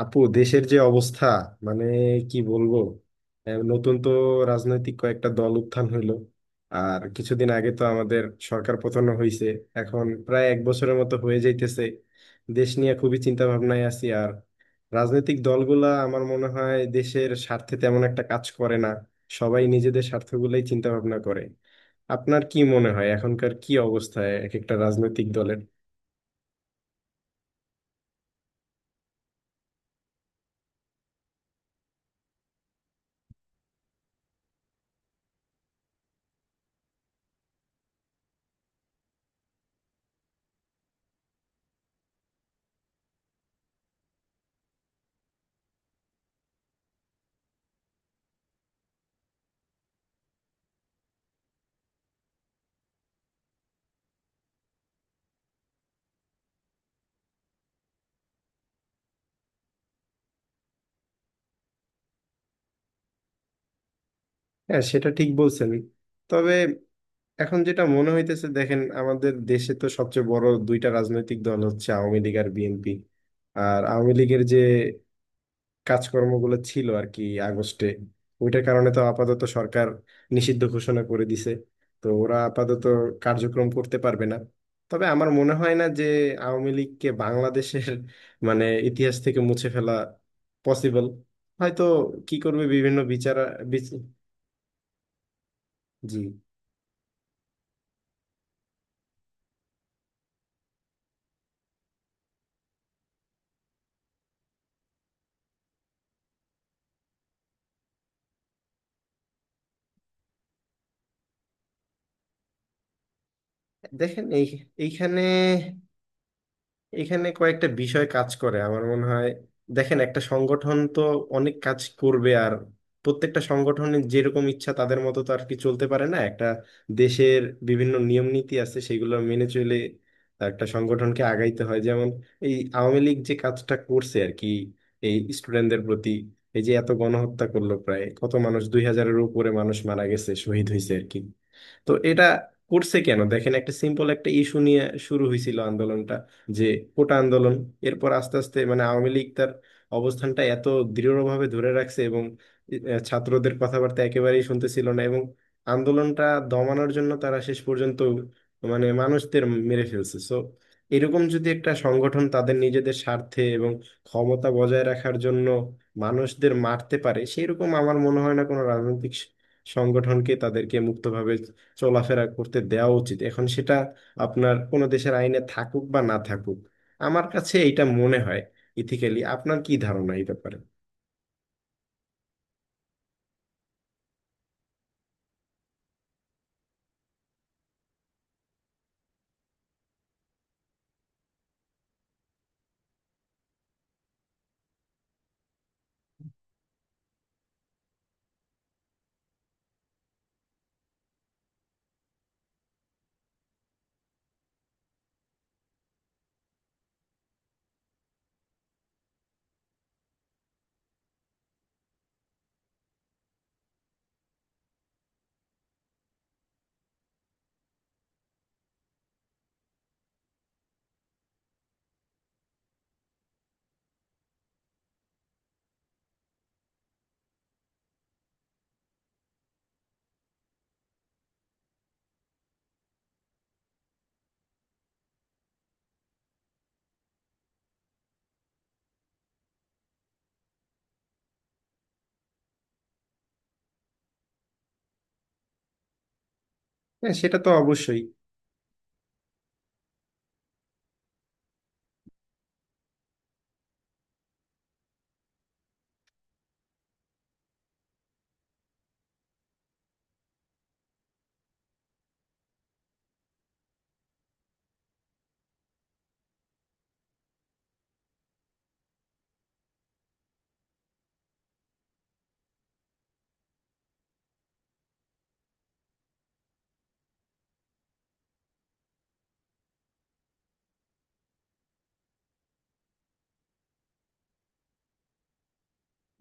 আপু, দেশের যে অবস্থা, মানে কি বলবো। নতুন তো রাজনৈতিক কয়েকটা দল উত্থান হইলো। আর কিছুদিন আগে তো আমাদের সরকার পতন হয়েছে, এখন প্রায় এক বছরের মতো হয়ে যাইতেছে। দেশ নিয়ে খুবই চিন্তা ভাবনায় আছি, আর রাজনৈতিক দলগুলা আমার মনে হয় দেশের স্বার্থে তেমন একটা কাজ করে না, সবাই নিজেদের স্বার্থগুলোই চিন্তা ভাবনা করে। আপনার কি মনে হয় এখনকার কি অবস্থায় এক একটা রাজনৈতিক দলের? হ্যাঁ, সেটা ঠিক বলছেন। তবে এখন যেটা মনে হইতেছে, দেখেন আমাদের দেশে তো সবচেয়ে বড় দুইটা রাজনৈতিক দল হচ্ছে আওয়ামী লীগ আর বিএনপি। আর আওয়ামী লীগের যে কাজকর্মগুলো ছিল আর কি, আগস্টে ওইটার কারণে তো আপাতত সরকার নিষিদ্ধ ঘোষণা করে দিছে। তো ওরা আপাতত কার্যক্রম করতে পারবে না। তবে আমার মনে হয় না যে আওয়ামী লীগকে বাংলাদেশের মানে ইতিহাস থেকে মুছে ফেলা পসিবল। হয়তো কি করবে বিভিন্ন বিচার। বিচ- জি। দেখেন এই এইখানে এখানে কয়েকটা বিষয় কাজ করে আমার মনে হয়। দেখেন একটা সংগঠন তো অনেক কাজ করবে, আর প্রত্যেকটা সংগঠনের যেরকম ইচ্ছা তাদের মতো তো আর কি চলতে পারে না। একটা দেশের বিভিন্ন নিয়ম নীতি আছে, সেগুলো মেনে চলে একটা সংগঠনকে আগাইতে হয়। যেমন এই আওয়ামী লীগ যে কাজটা করছে আর কি, এই স্টুডেন্টদের প্রতি এই যে এত গণহত্যা করলো, প্রায় কত মানুষ, 2,000-এর উপরে মানুষ মারা গেছে, শহীদ হয়েছে আর কি। তো এটা করছে কেন? দেখেন একটা সিম্পল একটা ইস্যু নিয়ে শুরু হয়েছিল আন্দোলনটা, যে কোটা আন্দোলন। এরপর আস্তে আস্তে মানে আওয়ামী লীগ তার অবস্থানটা এত দৃঢ়ভাবে ধরে রাখছে, এবং ছাত্রদের কথাবার্তা একেবারেই শুনতেছিল না, এবং আন্দোলনটা দমানোর জন্য তারা শেষ পর্যন্ত মানে মানুষদের মেরে ফেলছে। সো এরকম যদি একটা সংগঠন তাদের নিজেদের স্বার্থে এবং ক্ষমতা বজায় রাখার জন্য মানুষদের মারতে পারে, সেরকম আমার মনে হয় না কোনো রাজনৈতিক সংগঠনকে তাদেরকে মুক্তভাবে চলাফেরা করতে দেওয়া উচিত। এখন সেটা আপনার কোনো দেশের আইনে থাকুক বা না থাকুক, আমার কাছে এটা মনে হয় ইথিক্যালি। আপনার কি ধারণা এই ব্যাপারে? হ্যাঁ, সেটা তো অবশ্যই।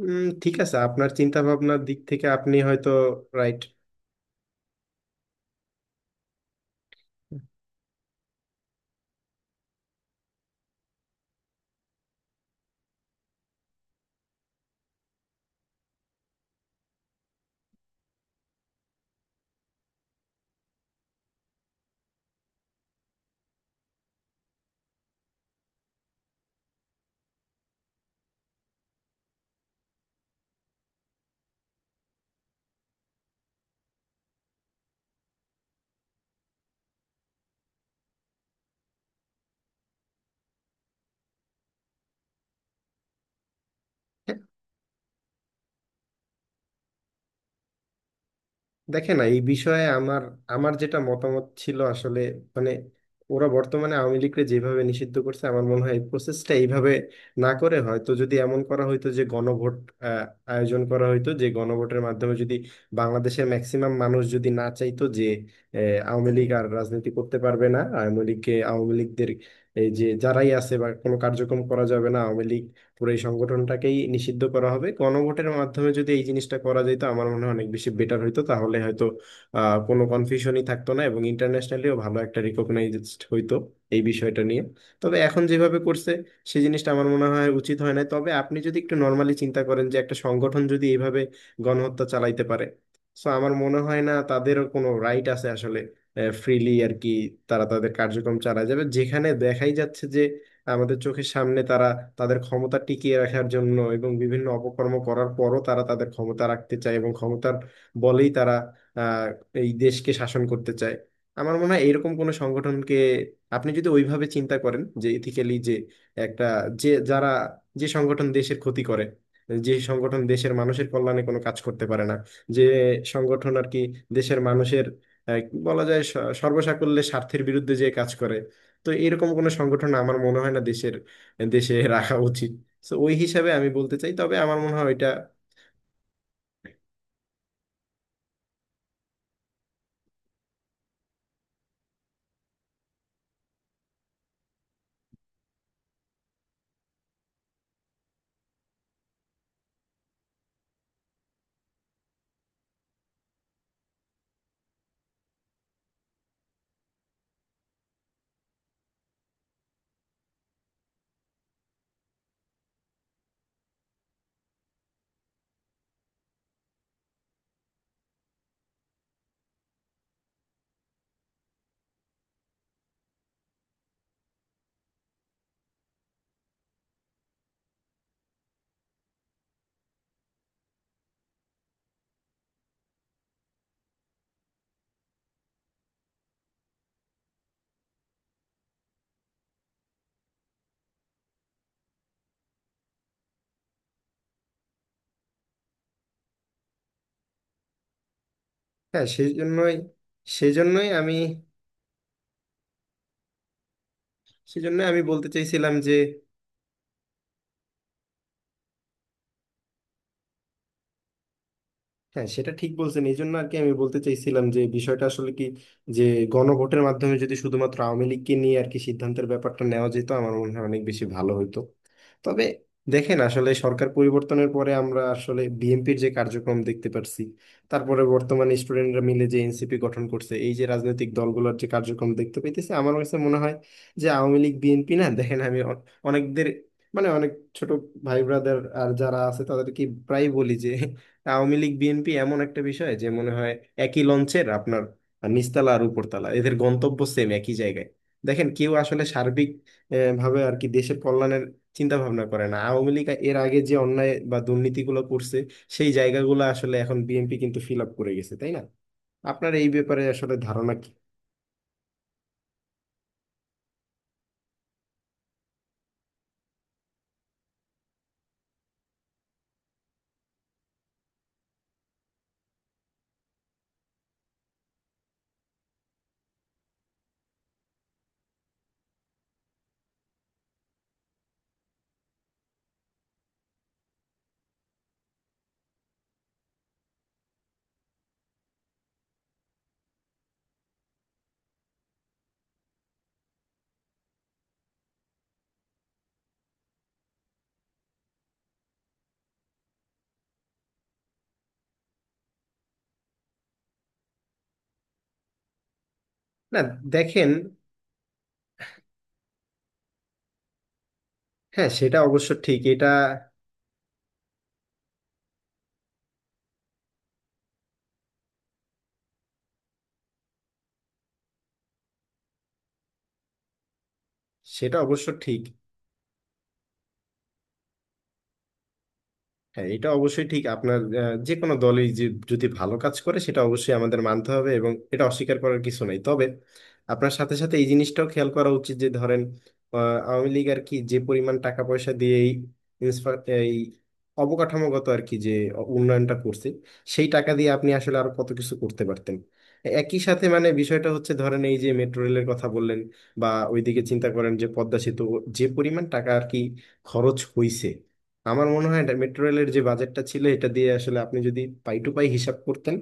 ঠিক আছে, আপনার চিন্তা ভাবনার দিক থেকে আপনি হয়তো রাইট। দেখেন এই বিষয়ে আমার আমার যেটা মতামত ছিল আসলে, মানে ওরা বর্তমানে আওয়ামী লীগকে যেভাবে নিষিদ্ধ করছে, আমার মনে হয় এই প্রসেসটা এইভাবে না করে হয়তো যদি এমন করা হইতো যে গণভোট আহ, আয়োজন করা হইতো, যে গণভোটের মাধ্যমে যদি বাংলাদেশের ম্যাক্সিমাম মানুষ যদি না চাইতো যে আহ, আওয়ামী লীগ আর রাজনীতি করতে পারবে না, আওয়ামী লীগকে আওয়ামী লীগদের এই যে যারাই আছে বা কোনো কার্যক্রম করা যাবে না, আওয়ামী লীগ পুরো এই সংগঠনটাকেই নিষিদ্ধ করা হবে, গণভোটের মাধ্যমে যদি এই জিনিসটা করা যেত আমার মনে হয় অনেক বেশি বেটার হইতো। তাহলে হয়তো কোনো কনফিউশনই থাকতো না, এবং ইন্টারন্যাশনালিও ভালো একটা রিকগনাইজড হইতো এই বিষয়টা নিয়ে। তবে এখন যেভাবে করছে সেই জিনিসটা আমার মনে হয় উচিত হয় না। তবে আপনি যদি একটু নর্মালি চিন্তা করেন যে একটা সংগঠন যদি এইভাবে গণহত্যা চালাইতে পারে, সো আমার মনে হয় না তাদেরও কোনো রাইট আছে আসলে ফ্রিলি আর কি তারা তাদের কার্যক্রম চালায় যাবে, যেখানে দেখাই যাচ্ছে যে আমাদের চোখের সামনে তারা তাদের ক্ষমতা টিকিয়ে রাখার জন্য এবং বিভিন্ন অপকর্ম করার পরও তারা তাদের ক্ষমতা রাখতে চায়, এবং ক্ষমতার বলেই তারা আহ এই দেশকে শাসন করতে চায়। আমার মনে হয় এরকম কোনো সংগঠনকে, আপনি যদি ওইভাবে চিন্তা করেন যে ইথিক্যালি, যে একটা, যে যারা, যে সংগঠন দেশের ক্ষতি করে, যে সংগঠন দেশের মানুষের কল্যাণে কোনো কাজ করতে পারে না, যে সংগঠন আর কি দেশের মানুষের আহ, বলা যায় সর্বসাকুল্যে স্বার্থের বিরুদ্ধে যে কাজ করে, তো এরকম কোনো সংগঠন আমার মনে হয় না দেশের দেশে রাখা উচিত। তো ওই হিসাবে আমি বলতে চাই, তবে আমার মনে হয় এটা। হ্যাঁ, সেজন্যই। সেজন্যই আমি সেজন্যই আমি বলতে চাইছিলাম যে, হ্যাঁ সেটা ঠিক বলছেন, এই জন্য আর কি আমি বলতে চাইছিলাম যে বিষয়টা আসলে কি, যে গণভোটের মাধ্যমে যদি শুধুমাত্র আওয়ামী লীগকে নিয়ে আর কি সিদ্ধান্তের ব্যাপারটা নেওয়া যেত, আমার মনে হয় অনেক বেশি ভালো হতো। তবে দেখেন আসলে সরকার পরিবর্তনের পরে আমরা আসলে বিএনপির যে কার্যক্রম দেখতে পারছি, তারপরে বর্তমানে স্টুডেন্টরা মিলে যে এনসিপি গঠন করছে, এই যে রাজনৈতিক দলগুলোর যে কার্যক্রম দেখতে পাইতেছি, আমার কাছে মনে হয় যে আওয়ামী লীগ বিএনপি না। দেখেন আমি অনেকদের অনেক ছোট ভাই ব্রাদার আর যারা আছে তাদেরকে প্রায় বলি যে আওয়ামী লীগ বিএনপি এমন একটা বিষয় যে মনে হয় একই লঞ্চের আপনার নিচতলা আর উপরতলা, এদের গন্তব্য সেম একই জায়গায়। দেখেন কেউ আসলে সার্বিক ভাবে আর কি দেশের কল্যাণের চিন্তা ভাবনা করে না। আওয়ামী লীগ এর আগে যে অন্যায় বা দুর্নীতিগুলো করছে, সেই জায়গাগুলো আসলে এখন বিএনপি কিন্তু ফিল আপ করে গেছে, তাই না? আপনার এই ব্যাপারে আসলে ধারণা কি? না দেখেন, হ্যাঁ সেটা অবশ্য ঠিক, এটা সেটা অবশ্য ঠিক। হ্যাঁ এটা অবশ্যই ঠিক। আপনার যে কোনো দলই যে যদি ভালো কাজ করে সেটা অবশ্যই আমাদের মানতে হবে, এবং এটা অস্বীকার করার কিছু নেই। তবে আপনার সাথে সাথে এই জিনিসটাও খেয়াল করা উচিত যে ধরেন আহ, আওয়ামী লীগ আর কি যে পরিমাণ টাকা পয়সা দিয়ে এই এই অবকাঠামোগত আর কি যে উন্নয়নটা করছে, সেই টাকা দিয়ে আপনি আসলে আরো কত কিছু করতে পারতেন। একই সাথে মানে বিষয়টা হচ্ছে ধরেন এই যে মেট্রো রেলের কথা বললেন, বা ওইদিকে চিন্তা করেন যে পদ্মা সেতু যে পরিমাণ টাকা আর কি খরচ হইছে। আমার মনে হয় এটা মেট্রো রেলের যে বাজেটটা ছিল এটা দিয়ে আসলে আপনি যদি পাই টু পাই হিসাব করতেন,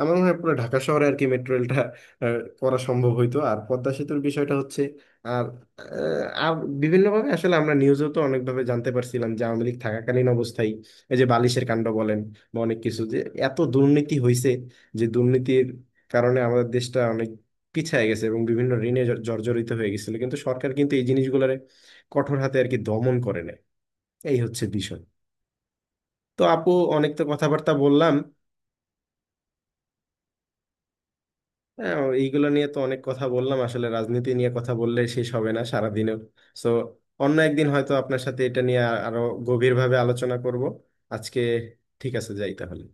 আমার মনে হয় পুরো ঢাকা শহরে আর কি মেট্রো রেলটা করা সম্ভব হইতো। আর পদ্মা সেতুর বিষয়টা হচ্ছে, আর আর বিভিন্নভাবে আসলে আমরা নিউজেও তো অনেকভাবে জানতে পারছিলাম যে আওয়ামী লীগ থাকাকালীন অবস্থায় এই যে বালিশের কাণ্ড বলেন বা অনেক কিছু, যে এত দুর্নীতি হয়েছে, যে দুর্নীতির কারণে আমাদের দেশটা অনেক পিছিয়ে গেছে এবং বিভিন্ন ঋণে জর্জরিত হয়ে গেছিল, কিন্তু সরকার কিন্তু এই জিনিসগুলোরে কঠোর হাতে আর কি দমন করে নেয়। এই হচ্ছে বিষয়। তো আপু, অনেক তো কথাবার্তা বললাম। হ্যাঁ, এইগুলো নিয়ে তো অনেক কথা বললাম। আসলে রাজনীতি নিয়ে কথা বললে শেষ হবে না সারাদিনেও। সো অন্য একদিন হয়তো আপনার সাথে এটা নিয়ে আরো গভীরভাবে আলোচনা করব। আজকে ঠিক আছে, যাই তাহলে।